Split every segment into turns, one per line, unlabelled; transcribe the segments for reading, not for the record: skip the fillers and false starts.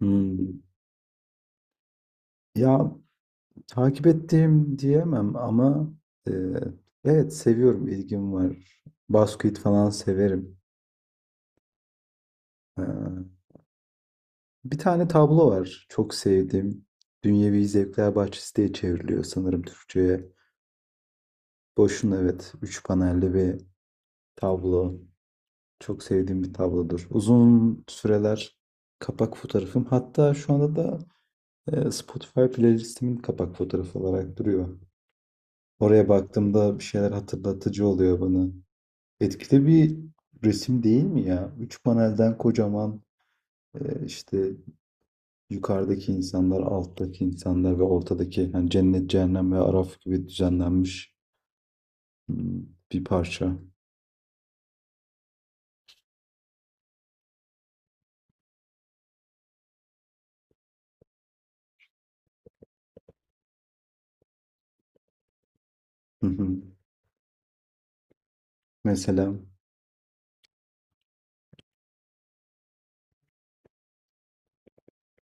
Hmm. Ya takip ettiğim diyemem ama e, evet seviyorum, ilgim var. Basket falan severim. Ee, bir tane tablo var çok sevdiğim. Dünyevi Zevkler Bahçesi diye çevriliyor sanırım Türkçe'ye. Boş'un evet üç panelli bir tablo. Çok sevdiğim bir tablodur. Uzun süreler kapak fotoğrafım. Hatta şu anda da Spotify playlistimin kapak fotoğrafı olarak duruyor. Oraya baktığımda bir şeyler hatırlatıcı oluyor bana. Etkili bir resim değil mi ya? Üç panelden kocaman işte yukarıdaki insanlar, alttaki insanlar ve ortadaki yani cennet, cehennem ve araf gibi düzenlenmiş hmm, bir parça. Hı hı. Mesela.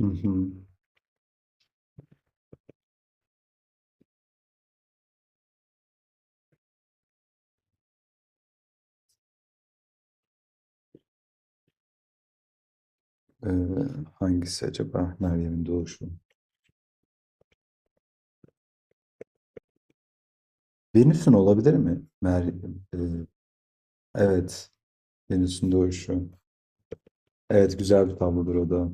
Hı hı. Ee, hangisi acaba? Meryem'in doğuşu. Venüs'ün olabilir mi? E, evet. Venüs'ün doğuşu. Evet, güzel bir tablodur o da.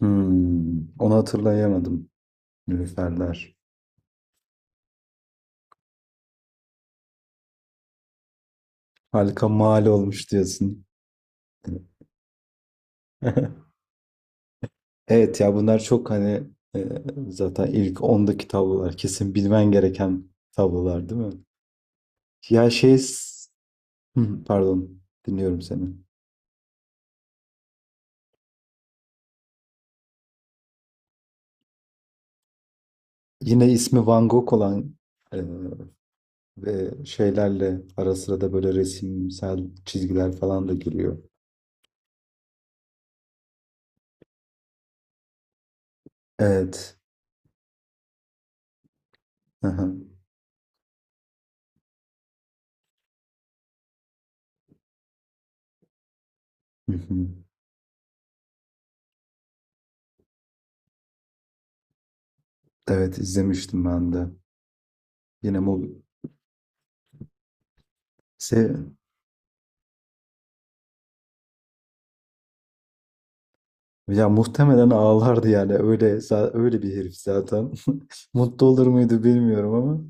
Onu hatırlayamadım. Nilüferler. Harika mal olmuş diyorsun. Evet, ya bunlar çok hani e, zaten ilk 10'daki tablolar. Kesin bilmen gereken tablolar değil mi? Ya şey s- Hı, pardon, dinliyorum seni. Yine ismi Van Gogh olan, e, Ve şeylerle ara sıra da böyle resimsel çizgiler falan da giriyor. Evet. Aha. Hı hı. Evet, izlemiştim ben de. Yine mu se ya muhtemelen ağlardı yani öyle öyle bir herif zaten. Mutlu olur muydu bilmiyorum ama.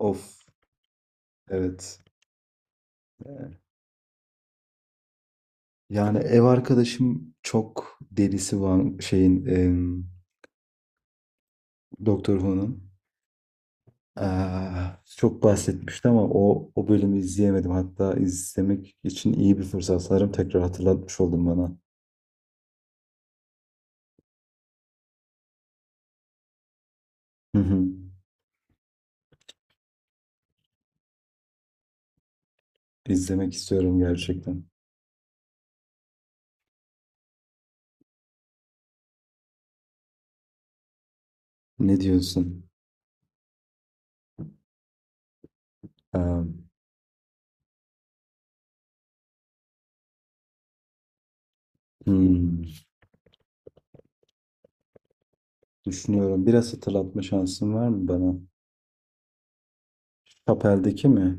Of. Evet. Yani ev arkadaşım çok delisi var şeyin Doktor Who'nun. Aa, çok bahsetmişti ama o bölümü izleyemedim. Hatta izlemek için iyi bir fırsat. Sanırım tekrar hatırlatmış oldun bana. Hı hı. İzlemek istiyorum gerçekten. Ne diyorsun? Aa, hmm, düşünüyorum. Biraz hatırlatma şansın var mı bana? Kapel'deki mi?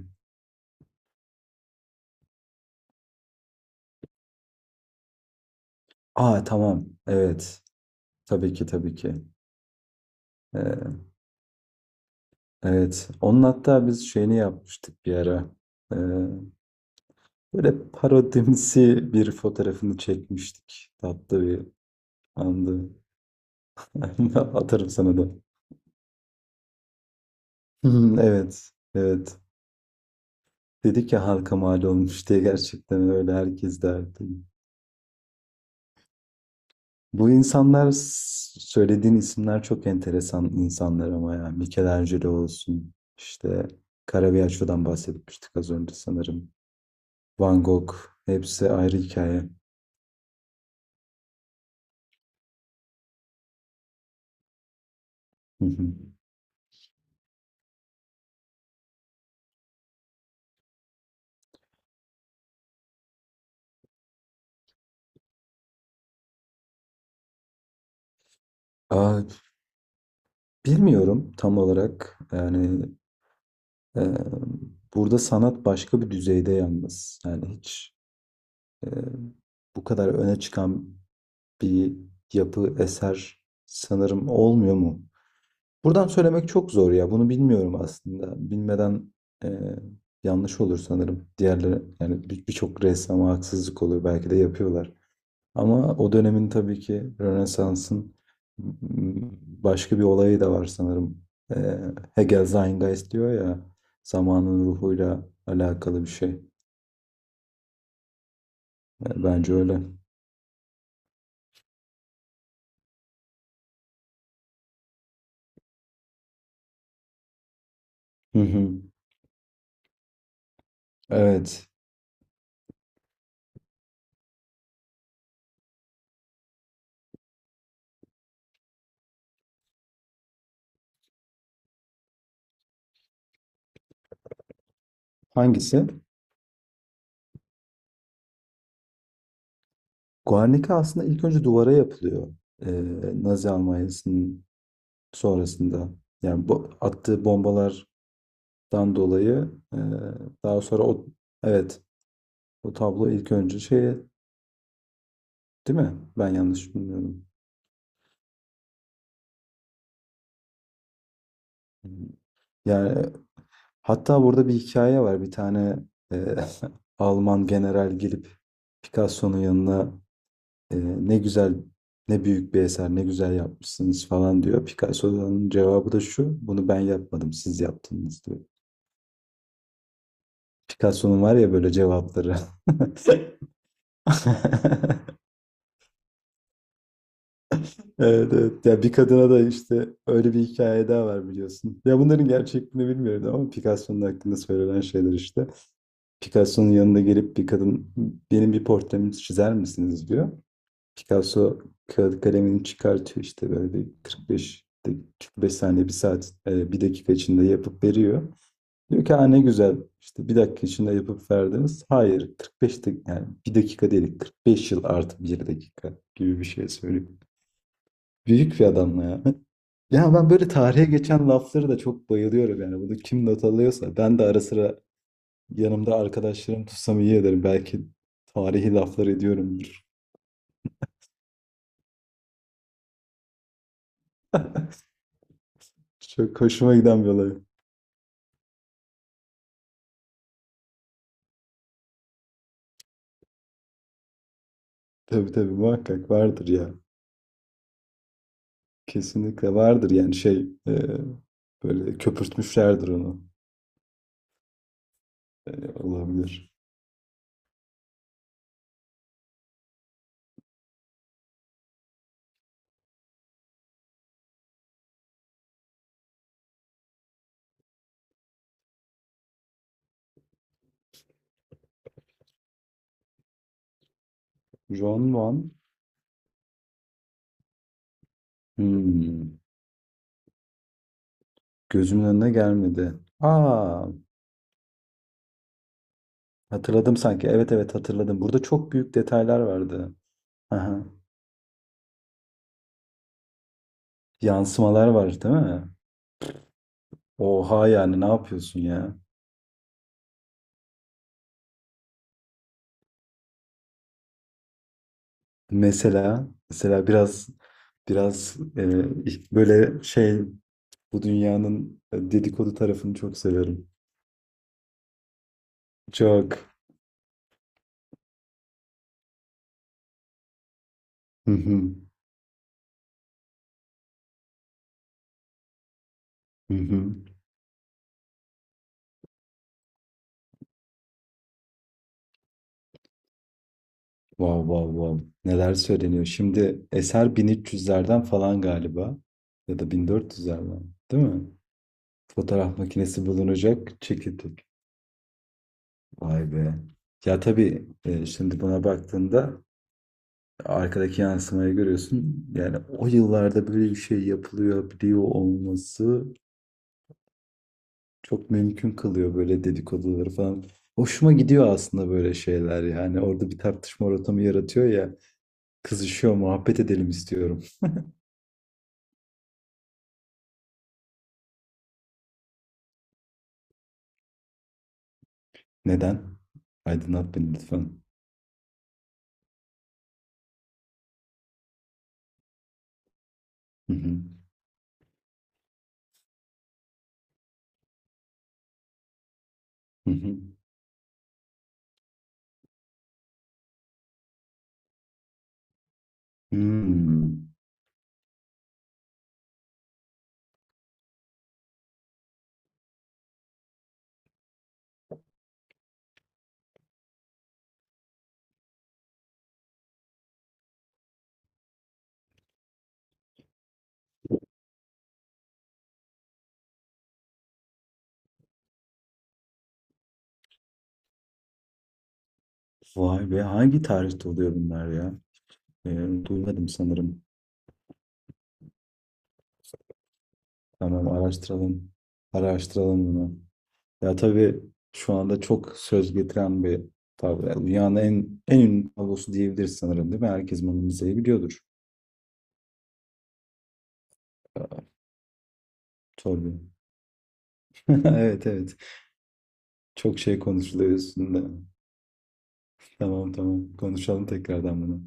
Aa, tamam. Evet. Tabii ki, tabii ki. Ee, evet. Onun hatta biz şeyini yapmıştık bir ara. Ee, böyle parodimsi bir fotoğrafını çekmiştik. Tatlı bir. Anladım. Atarım sana da. Hmm. Evet. Evet. Dedik ya halka mal olmuş diye, gerçekten öyle herkes derdi. Bu insanlar söylediğin isimler çok enteresan insanlar ama ya. Michelangelo olsun, işte Caravaggio'dan bahsetmiştik az önce sanırım. Van Gogh. Hepsi ayrı hikaye. Hı hı. Aa, bilmiyorum tam olarak. Yani e, burada sanat başka bir düzeyde yalnız. Yani hiç e, bu kadar öne çıkan bir yapı, eser sanırım olmuyor mu? Buradan söylemek çok zor ya. Bunu bilmiyorum aslında. Bilmeden e, yanlış olur sanırım. Diğerleri yani birçok ressama haksızlık olur. Belki de yapıyorlar. Ama o dönemin tabii ki Rönesans'ın başka bir olayı da var sanırım. E, Hegel Zeitgeist diyor ya, zamanın ruhuyla alakalı bir şey. Bence öyle. Hı hı. Evet. Hangisi? Guernica aslında ilk önce duvara yapılıyor. Ee, Nazi Almanya'sının sonrasında. Yani bu attığı bombalardan dolayı daha sonra o, evet, o tablo ilk önce şey değil mi? Ben yanlış bilmiyorum. Yani hatta burada bir hikaye var. Bir tane e, Alman general gelip Picasso'nun yanına Ee, ne güzel, ne büyük bir eser, ne güzel yapmışsınız falan diyor. Picasso'nun cevabı da şu: bunu ben yapmadım, siz yaptınız diyor. Picasso'nun var ya böyle cevapları. Evet, evet. Ya bir kadına da işte öyle bir hikaye daha var, biliyorsun. Ya bunların gerçekliğini bilmiyorum ama Picasso'nun hakkında söylenen şeyler işte. Picasso'nun yanına gelip bir kadın, benim bir portremi çizer misiniz diyor. Picasso kağıt kalemini çıkartıyor, işte böyle bir 45 45 saniye bir saat bir dakika içinde yapıp veriyor. Diyor ki ha, ne güzel, işte bir dakika içinde yapıp verdiniz. Hayır, 45 yani bir dakika değil, 45 yıl artı bir dakika gibi bir şey söylüyor. Büyük bir adamla ya. Ya ben böyle tarihe geçen lafları da çok bayılıyorum yani. Bunu kim not alıyorsa, ben de ara sıra yanımda arkadaşlarım tutsam iyi ederim. Belki tarihi laflar ediyorumdur. Çok hoşuma giden bir olay. Tabii, tabii, muhakkak vardır ya. Kesinlikle vardır, yani şey böyle köpürtmüşlerdir onu. E, olabilir. Ron Von hmm, gözümün önüne gelmedi. Aa, hatırladım sanki. Evet, evet, hatırladım. Burada çok büyük detaylar vardı. Aha, yansımalar var değil mi? Oha, yani ne yapıyorsun ya? Mesela, mesela biraz, biraz böyle şey, bu dünyanın dedikodu tarafını çok severim. Çok. Hı hı. Hı hı. Wow, wow, wow. Neler söyleniyor. Şimdi eser 1300'lerden falan galiba. Ya da 1400'lerden. Değil mi? Fotoğraf makinesi bulunacak. Çekirdek. Vay be. Ya tabii şimdi buna baktığında arkadaki yansımayı görüyorsun. Yani o yıllarda böyle bir şey yapılıyor, biliyor olması çok mümkün kılıyor böyle dedikoduları falan. Hoşuma gidiyor aslında böyle şeyler yani. Orada bir tartışma ortamı yaratıyor ya. Kızışıyor, muhabbet edelim istiyorum. Neden? Aydınlat beni lütfen. Hı hı. Hı hı. Hmm. Vay be, hangi tarihte oluyor bunlar ya? Duymadım sanırım. Tamam, araştıralım. Araştıralım bunu. Ya tabii şu anda çok söz getiren bir tablo. Yani dünyanın en ünlü tablosu diyebiliriz sanırım, değil mi? Herkes Mona Lisa'yı biliyordur. Aa, tabii. Evet, evet. Çok şey konuşuluyor üstünde. Tamam, tamam. Konuşalım tekrardan bunu.